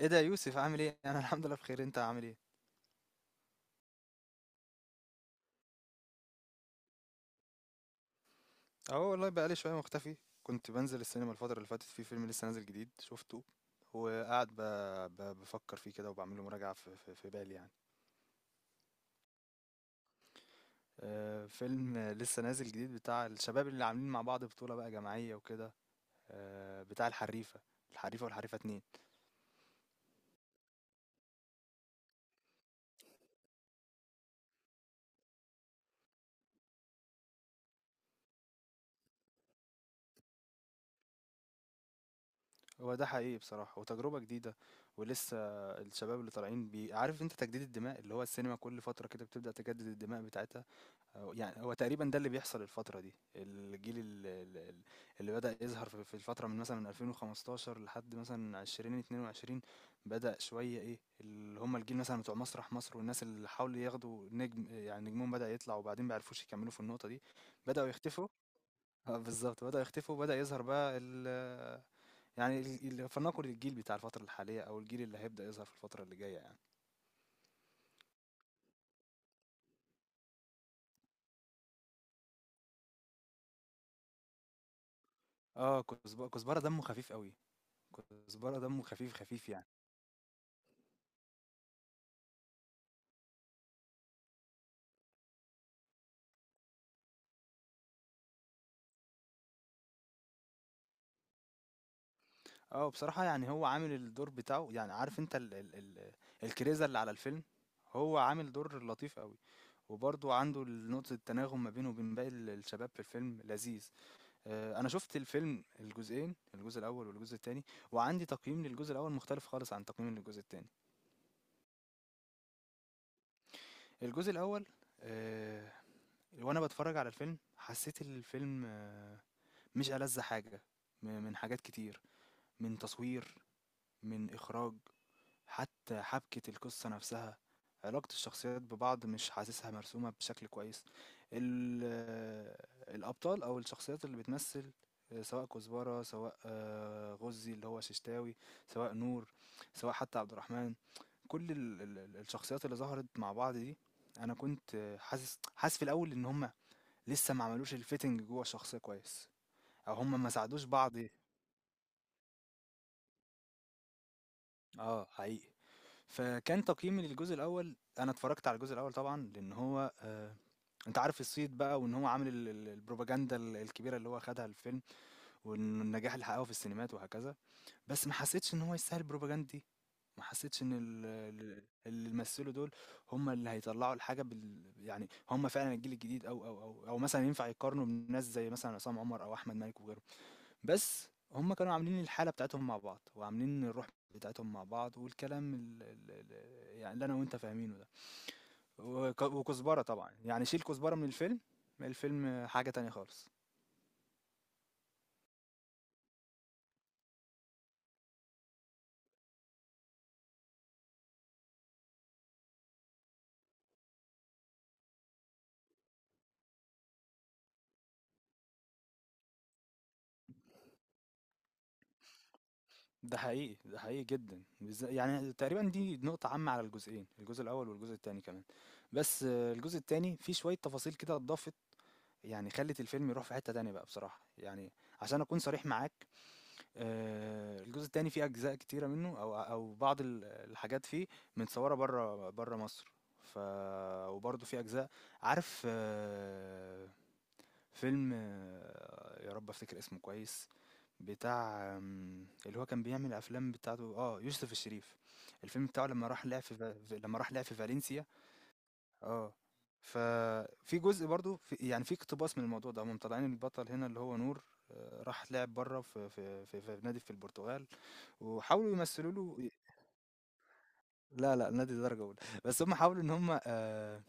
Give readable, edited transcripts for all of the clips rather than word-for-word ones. ايه ده يا يوسف، عامل ايه؟ انا الحمد لله بخير، انت عامل ايه؟ اهو والله بقالي شويه مختفي. كنت بنزل السينما الفتره اللي فاتت، في فيلم لسه نازل جديد شفته وقاعد بفكر فيه كده وبعمل له مراجعه في بالي يعني. فيلم لسه نازل جديد بتاع الشباب اللي عاملين مع بعض بطوله بقى جماعيه وكده، آه بتاع الحريفه، الحريفه والحريفه اتنين. هو ده حقيقي بصراحه وتجربه جديده ولسه. الشباب اللي طالعين، بي عارف انت تجديد الدماء، اللي هو السينما كل فتره كده بتبدا تجدد الدماء بتاعتها. أو يعني هو تقريبا ده اللي بيحصل الفترة دي، الجيل اللي بدأ يظهر في الفترة من مثلا 2015 لحد مثلا 2022، بدأ شوية ايه اللي هم الجيل مثلا بتوع مسرح مصر، والناس اللي حاولوا ياخدوا نجم، يعني نجمهم بدأ يطلع وبعدين بيعرفوش يكملوا في النقطة دي. بدأوا يختفوا. اه بالظبط، بدأوا يختفوا وبدأ يظهر بقى ال، يعني فلنقل الجيل بتاع الفترة الحالية، او الجيل اللي هيبدأ يظهر في الفترة اللي جاية يعني. اه كزبرة دمه خفيف قوي، كزبرة دمه خفيف خفيف يعني. اه بصراحة يعني هو عامل الدور بتاعه، يعني عارف انت ال ال ال الكريزة اللي على الفيلم، هو عامل دور لطيف قوي، وبرضه عنده نقطة التناغم ما بينه وبين باقي الشباب في الفيلم لذيذ. انا شفت الفيلم الجزئين، الجزء الاول والجزء التاني، وعندي تقييم للجزء الاول مختلف خالص عن تقييم للجزء التاني. الجزء الاول، آه، وانا بتفرج على الفيلم حسيت الفيلم، مش ألذ حاجة من حاجات كتير، من تصوير، من اخراج، حتى حبكة القصة نفسها، علاقة الشخصيات ببعض مش حاسسها مرسومة بشكل كويس. ال آه، الأبطال أو الشخصيات اللي بتمثل، سواء كزبرة، سواء غُزي اللي هو ششتاوي، سواء نور، سواء حتى عبد الرحمن، كل ال ال ال الشخصيات اللي ظهرت مع بعض دي، أنا كنت حاسس في الأول إن هم لسه ما عملوش الfitting جوّه الشخصية كويس، أو هم ما ساعدوش بعض. آه، حقيقي. فكان تقييمي للجزء الاول، انا اتفرجت على الجزء الاول طبعا لان هو انت عارف الصيت بقى، وان هو عامل البروباجندا الكبيره اللي هو خدها الفيلم، والنجاح اللي حققه في السينمات وهكذا. بس ما حسيتش ان هو يستاهل البروباجندا دي، ما حسيتش ان اللي مثلوا دول هم اللي هيطلعوا الحاجه يعني هم فعلا الجيل الجديد، او مثلا ينفع يقارنوا بناس زي مثلا عصام عمر او احمد مالك. بس هم كانوا عاملين الحالة بتاعتهم مع بعض، وعاملين الروح بتاعتهم مع بعض، والكلام ال ال ال يعني اللي انا وانت فاهمينه ده. وكزبرة طبعا، يعني شيل كزبرة من الفيلم، الفيلم حاجة تانية خالص. ده حقيقي، ده حقيقي جدا يعني تقريبا دي نقطة عامة على الجزئين، الجزء الأول والجزء التاني كمان. بس الجزء التاني فيه شوية تفاصيل كده اتضافت، يعني خلت الفيلم يروح في حتة تانية بقى بصراحة يعني. عشان أكون صريح معاك، الجزء التاني فيه أجزاء كتيرة منه، أو بعض ال الحاجات فيه متصوّرة برّه مصر، ف وبرضه في أجزاء، عارف فيلم يا رب أفتكر اسمه كويس، بتاع اللي هو كان بيعمل الأفلام بتاعته، يوسف الشريف، الفيلم بتاعه لمّا راح لعب في فالنسيا. آه، ففي جزء برضه ف يعني في اقتباس من الموضوع ده، هُم مطلّعين البطل هنا اللي هو نور، راح لعب برّه في نادي في البرتغال، وحاولوا يمثلوا له. لا لأ، نادي درجة أولى، بس هم حاولوا إن هم،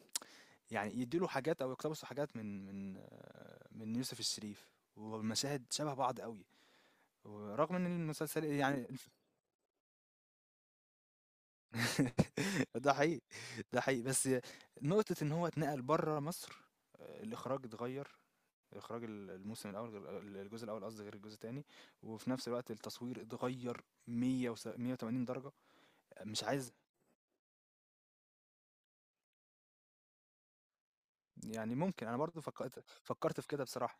يعني يدّوا له حاجات أو يقتبسوا حاجات من يوسف الشريف، والمشاهد شبه بعض أوي، ورغم إن المسلسل يعني. ده حقيقي، ده حقيقي، بس نقطة إن هو اتنقل برّه مصر، الإخراج اتغيّر، إخراج ال الموسم الأول غير ال الجزء الأول، قصدي غير الجزء التاني، وفي نفس الوقت التصوير اتغيّر مِيّة وس 180 درجة. مش عايز، يعني ممكن أنا برضه فكرت، فكرت في كده بصراحة.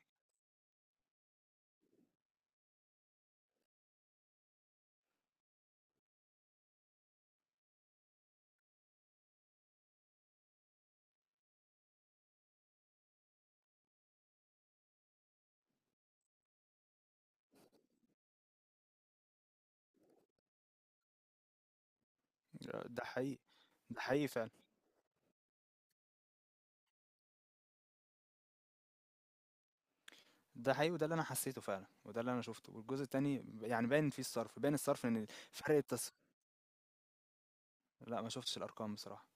ده حقيقي. ده حقيقي فعلا. ده حقيقي، وده اللي انا حسيته فعلا، وده اللي انا شفته، والجزء التاني يعني باين فيه الصرف، باين الصرف ان فرق التص... لا ما شفتش الارقام بصراحة.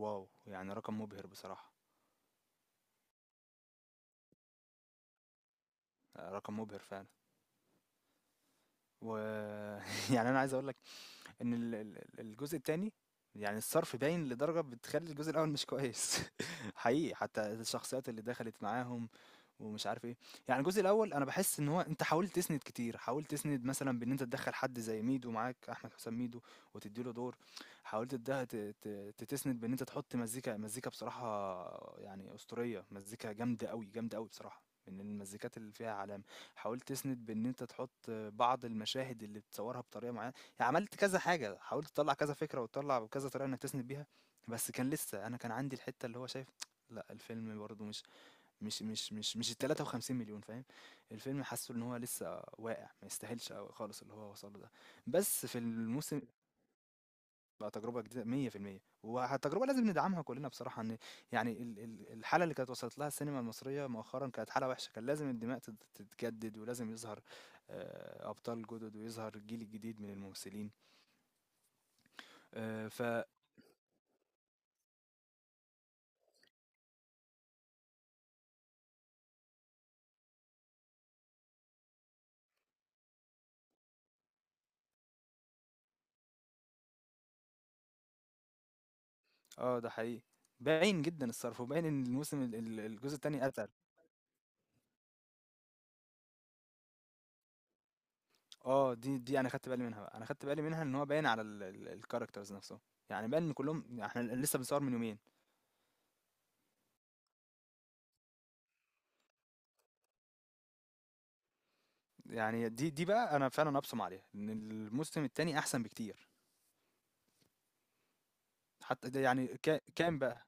واو، يعني رقم مبهر بصراحة. رقم مبهر فعلا. و يعني انا عايز اقول ان الجزء التاني يعني الصرف باين لدرجة بتخلي الجزء الاول مش كويس، حقيقي، حتى الشخصيات اللي دخلت معاهم ومش عارف ايه. يعني الجزء الاول انا بحس ان هو انت حاولت تسند كتير، حاولت تسند مثلا بان انت تدخل حد زي ميدو معاك، احمد حسام ميدو، وتديله دور. حاولت تده- ت- ت- تتسند بان انت تحط مزيكا، مزيكا بصراحة يعني اسطورية، مزيكا جامدة قوي، جامدة قوي بصراحة، من المزيكات اللي فيها علامة. حاولت تسند بان انت تحط بعض المشاهد اللي بتصورها بطريقة معينة، عملت كذا حاجة، حاولت تطلع كذا فكرة، وتطلع كذا طريقة انك تسند بيها. بس كان لسه انا كان عندي الحتة اللي هو شايف، لا الفيلم برضه مش ال 53 مليون، فاهم. الفيلم حاسه ان هو لسه واقع ما يستاهلش أوي خالص اللي هو وصله ده. بس في الموسم. بقى تجربة جديدة، 100% والتجربة لازم ندعمها كلنا بصراحة، ان يعني الحالة اللي كانت وصلت لها السينما المصرية مؤخرا كانت حالة وحشة، كان لازم الدماء تتجدد ولازم يظهر أبطال جدد، ويظهر الجيل الجديد من الممثلين. آه، ف، آه، ده حقيقي. باين جدًا الصرف، وباين إن الموسم ال ال الجزء التاني أتقل. دي أنا خدت بالي منها بقى، أنا خدت بالي منها إن هو باين على ال ال الcharacters نفسهم، يعني باين إن كلّهم إحنا لسه بنصور من يومين. يعني دي بقى أنا فعلًا أبصم عليها، إن الموسم التاني أحسن بكتير، حتى ده يعني كام بقى؟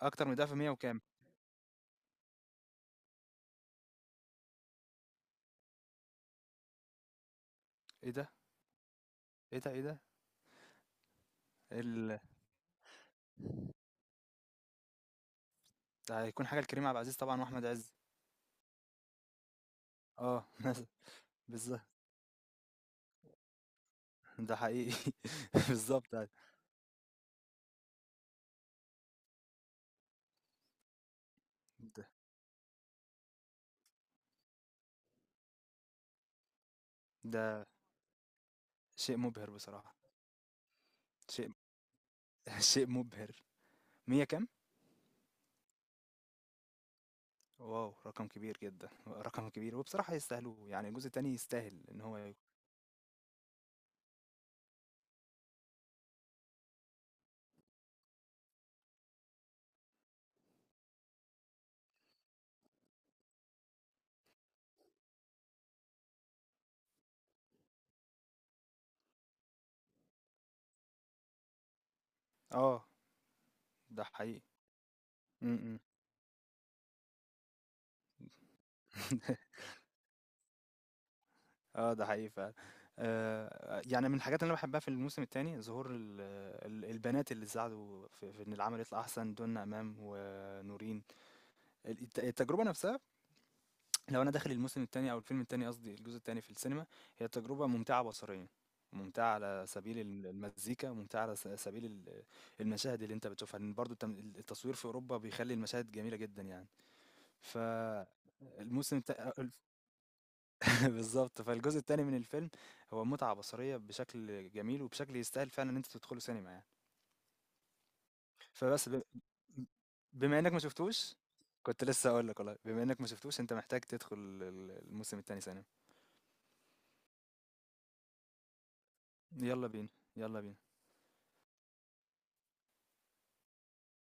أكتر من ده في 100 وكام؟ إيه ده، إيه ده، إيه ده؟ ال، ده هيكون حاجة لكريم عبد العزيز طبعًا وأحمد عز. آه، مثلًا، بالضبط، ده حقيقي، بالضبط أيوه، ده ده شيء مبهر بصراحة، شيء شيء مبهر، 100 كام؟ واو، رقم كبير جدا، رقم كبير، وبصراحة يستاهلوه، يعني الجزء التاني يستاهل ان هو يكون. اه، ده حقيقي. م- م. اه ده حقيقي فعلا. آه يعني من الحاجات اللي انا بحبها في الموسم الثاني، ظهور البنات اللي ساعدوا في ان العمل يطلع احسن، دون امام ونورين. التجربه نفسها، لو انا داخل الموسم التاني او الفيلم التاني، قصدي الجزء التاني في السينما، هي تجربة ممتعة بصريا، ممتعة على سبيل المزيكا، ممتعة على سبيل المشاهد اللي انت بتشوفها، لان برضو التصوير في اوروبا بيخلي المشاهد جميلة جدا يعني. فالموسم التا... بالظبط، فالجزء التاني من الفيلم هو متعة بصرية بشكل جميل، وبشكل يستاهل فعلا ان انت تدخله سينما يعني. فبس ب... بما انك ما شفتوش، كنت لسه اقول لك والله، بما انك ما شفتوش انت محتاج تدخل الموسم التاني سينما. يلا بينا، يلا بينا.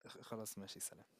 خلاص ماشي، سلام.